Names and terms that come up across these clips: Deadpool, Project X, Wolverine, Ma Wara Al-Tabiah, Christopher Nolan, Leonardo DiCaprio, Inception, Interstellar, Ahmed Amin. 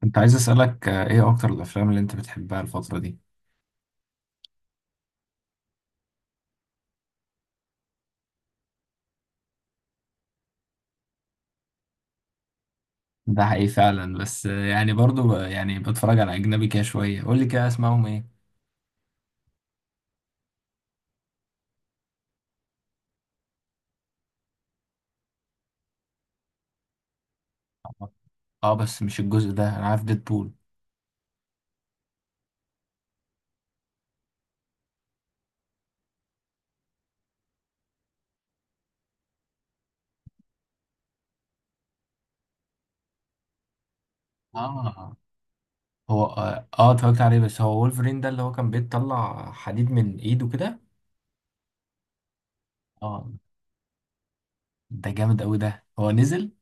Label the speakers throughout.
Speaker 1: كنت عايز أسألك إيه أكتر الأفلام اللي أنت بتحبها الفترة دي؟ ده حقيقي فعلا، بس يعني برضو يعني بتفرج على أجنبي كده شوية. قول لي كده، أسمعهم إيه؟ آه، بس مش الجزء ده، أنا عارف ديدبول. آه، هو اتفرجت عليه، بس هو وولفرين ده اللي هو كان بيطلع حديد من إيده كده. آه، ده جامد أوي. ده هو نزل؟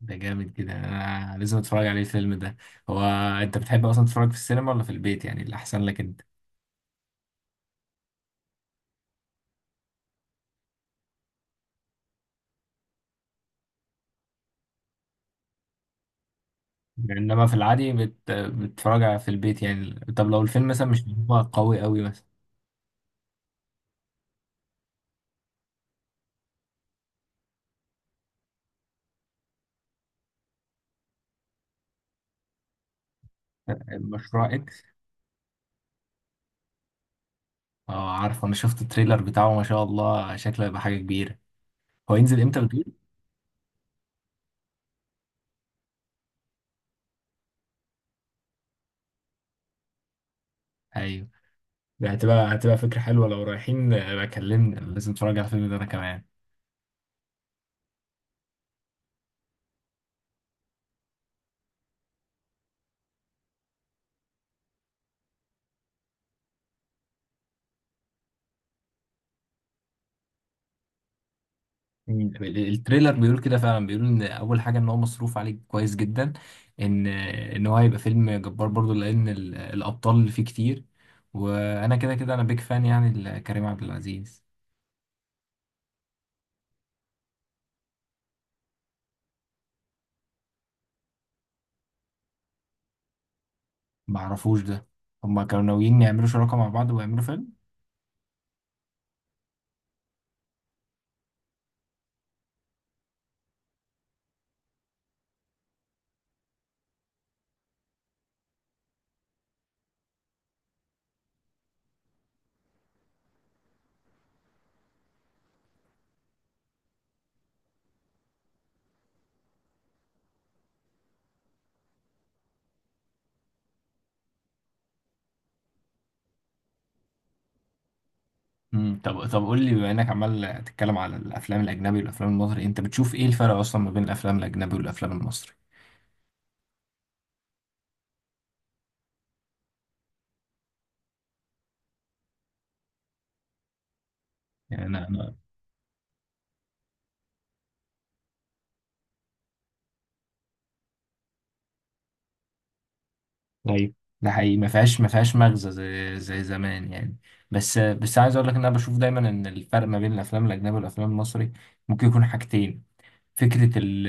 Speaker 1: ده جامد كده، أنا لازم أتفرج عليه الفيلم ده. هو أنت بتحب أصلا تتفرج في السينما ولا في البيت، يعني اللي أحسن لك أنت؟ يعني انما في العادي بتتفرج في البيت، يعني طب لو الفيلم مثلا مش هو قوي قوي مثلا. مشروع اكس. اه، عارف، انا شفت التريلر بتاعه، ما شاء الله شكله هيبقى حاجه كبيره. هو ينزل امتى بتقول؟ ايوه. ده هتبقى فكره حلوه، لو رايحين بقى كلمني، لازم اتفرج على الفيلم ده انا كمان. مم. التريلر بيقول كده فعلا، بيقول ان اول حاجه ان هو مصروف عليه كويس جدا، ان هو هيبقى فيلم جبار برضو، لان الابطال اللي فيه كتير. وانا كده كده انا بيك فان يعني لكريم عبد العزيز. معرفوش ده. هما كانوا ناويين يعملوا شراكة مع بعض ويعملوا فيلم؟ طب قول لي، بما انك عمال تتكلم على الافلام الاجنبي والافلام المصري، انت بتشوف ايه الفرق اصلا ما بين الافلام الاجنبي والافلام المصري؟ يعني انا، ايوه، ده حقيقي، ما فيهاش مغزى، زي زمان يعني. بس عايز اقول لك ان انا بشوف دايما ان الفرق ما بين الافلام الاجنبي والافلام المصري ممكن يكون حاجتين. فكرة ال-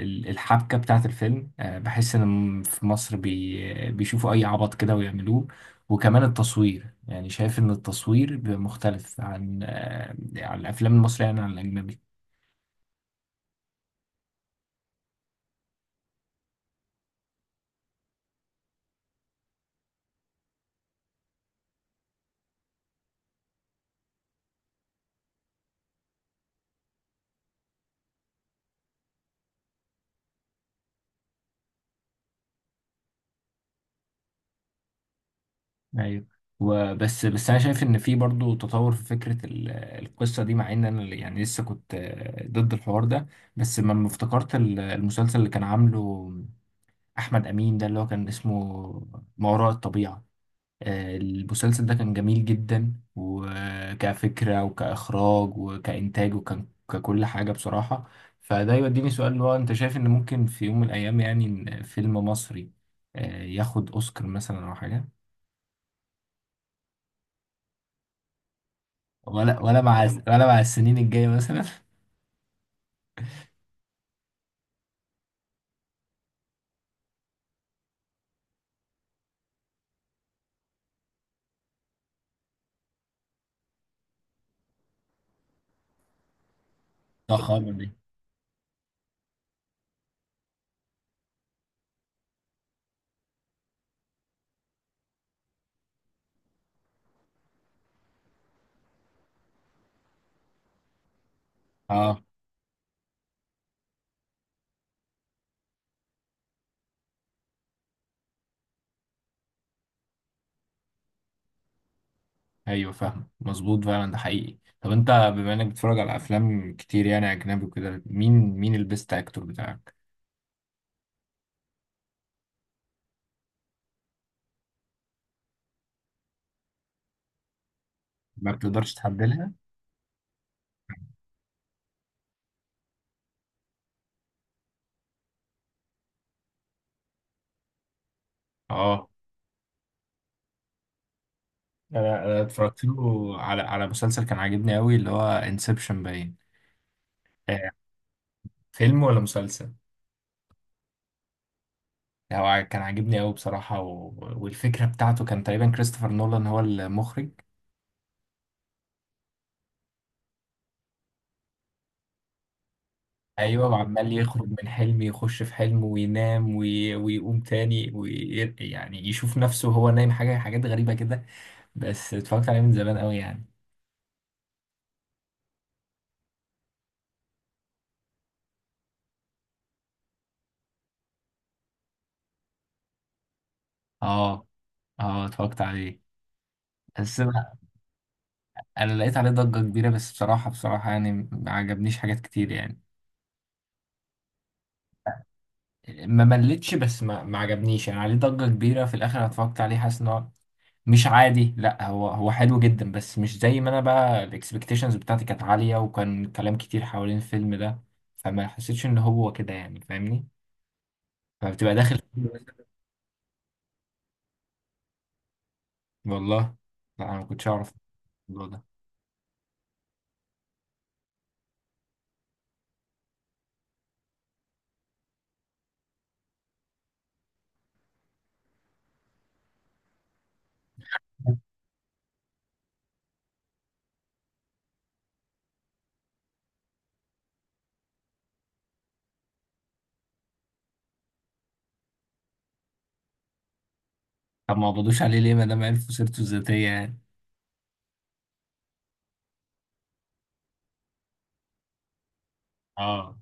Speaker 1: ال- الحبكة بتاعة الفيلم، بحس إن في مصر بيشوفوا أي عبط كده ويعملوه. وكمان التصوير، يعني شايف إن التصوير بيبقى مختلف عن عن الأفلام المصرية، يعني عن الأجنبي. أيوة. وبس أنا شايف إن في برضو تطور في فكرة القصة دي، مع إن أنا يعني لسه كنت ضد الحوار ده. بس لما افتكرت المسلسل اللي كان عامله أحمد أمين، ده اللي هو كان اسمه ما وراء الطبيعة. المسلسل ده كان جميل جدا، وكفكرة وكإخراج وكإنتاج وككل حاجة بصراحة. فده يوديني سؤال، اللي هو أنت شايف إن ممكن في يوم من الأيام، يعني إن فيلم مصري ياخد أوسكار مثلا أو حاجة؟ ولا مع السنين الجاية مثلا؟ ضخامة دي. أه. أيوه، فاهم، مظبوط فعلا، ده حقيقي. طب أنت بما إنك بتتفرج على أفلام كتير يعني أجنبي وكده، مين البيست أكتور بتاعك؟ ما بتقدرش تحددها؟ اه، انا اتفرجت له على مسلسل كان عاجبني قوي، اللي هو انسبشن، باين. آه، فيلم ولا مسلسل؟ هو كان عاجبني قوي بصراحة، والفكرة بتاعته كان تقريبا كريستوفر نولان هو المخرج. ايوه، وعمال يخرج من حلم يخش في حلم وينام ويقوم تاني يعني يشوف نفسه وهو نايم، حاجات غريبة كده. بس اتفرجت عليه من زمان قوي يعني. اه، اه، اتفرجت عليه. بس انا لقيت عليه ضجة كبيرة، بس بصراحة بصراحة يعني ما عجبنيش حاجات كتير يعني. ما ملتش، بس ما عجبنيش، يعني عليه ضجة كبيرة. في الآخر أنا اتفرجت عليه حاسس إن هو مش عادي. لا، هو حلو جدا، بس مش زي ما أنا بقى الإكسبكتيشنز بتاعتي كانت عالية، وكان كلام كتير حوالين الفيلم ده، فما حسيتش إن هو كده، يعني فاهمني، فبتبقى داخل. والله، لا أنا ما كنتش أعرف الموضوع ده. طب ما قبضوش عليه ليه ما دام عرفوا سيرته الذاتية يعني؟ اه،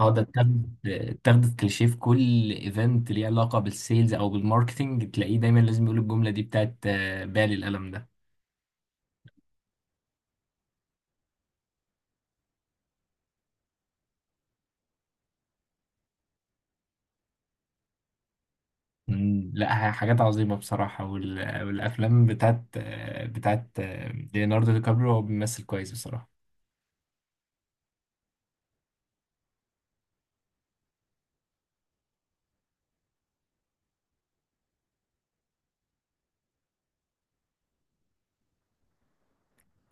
Speaker 1: اه، ده اتاخدت كليشيه في كل ايفنت ليه علاقه بالسيلز او بالماركتنج، تلاقيه دايما لازم يقول الجمله دي بتاعت بالي القلم ده. لا، حاجات عظيمه بصراحه، والافلام بتاعت ليوناردو دي كابريو، هو بيمثل كويس بصراحه.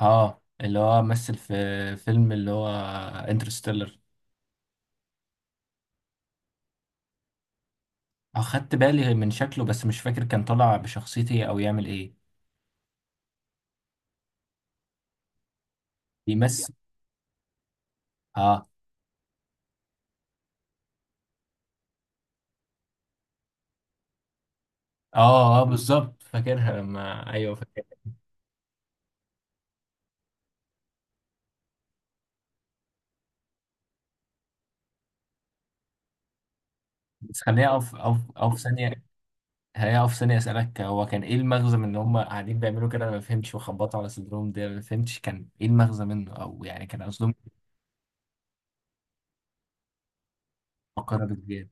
Speaker 1: اه، اللي هو مثل في فيلم، اللي هو انترستيلر. اخدت بالي من شكله، بس مش فاكر كان طالع بشخصيتي او يعمل ايه. بيمثل. اه، اه، اه، بالظبط، فاكرها لما، ايوه. بس خليني اقف ثانيه، خليني اقف ثانيه اسالك، هو كان ايه المغزى من ان هم قاعدين بيعملوا كده؟ انا ما فهمتش، وخبطوا على صدرهم دي انا ما فهمتش كان ايه المغزى منه، او يعني كان قصدهم؟ فقره بالزياده.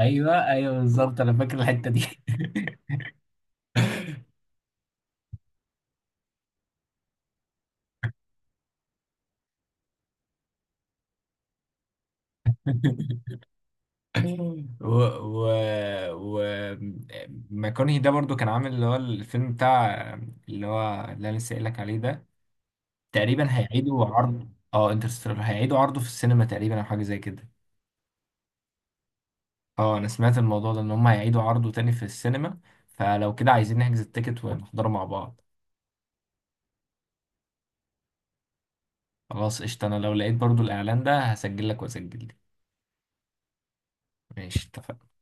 Speaker 1: ايوه، ايوه، بالظبط، انا فاكر الحته دي. و و و ماكونهي ده برضو كان عامل اللي هو الفيلم بتاع، اللي هو اللي انا لسه قايل لك عليه ده، تقريبا هيعيدوا عرض انترستيلر، هيعيدوا عرضه في السينما تقريبا، او حاجه زي كده. اه، انا سمعت الموضوع ده ان هم هيعيدوا عرضه تاني في السينما، فلو كده عايزين نحجز التيكت ونحضره مع بعض. خلاص قشطة، انا لو لقيت برضو الاعلان ده هسجل لك واسجل لك. ماشي، اتفقنا.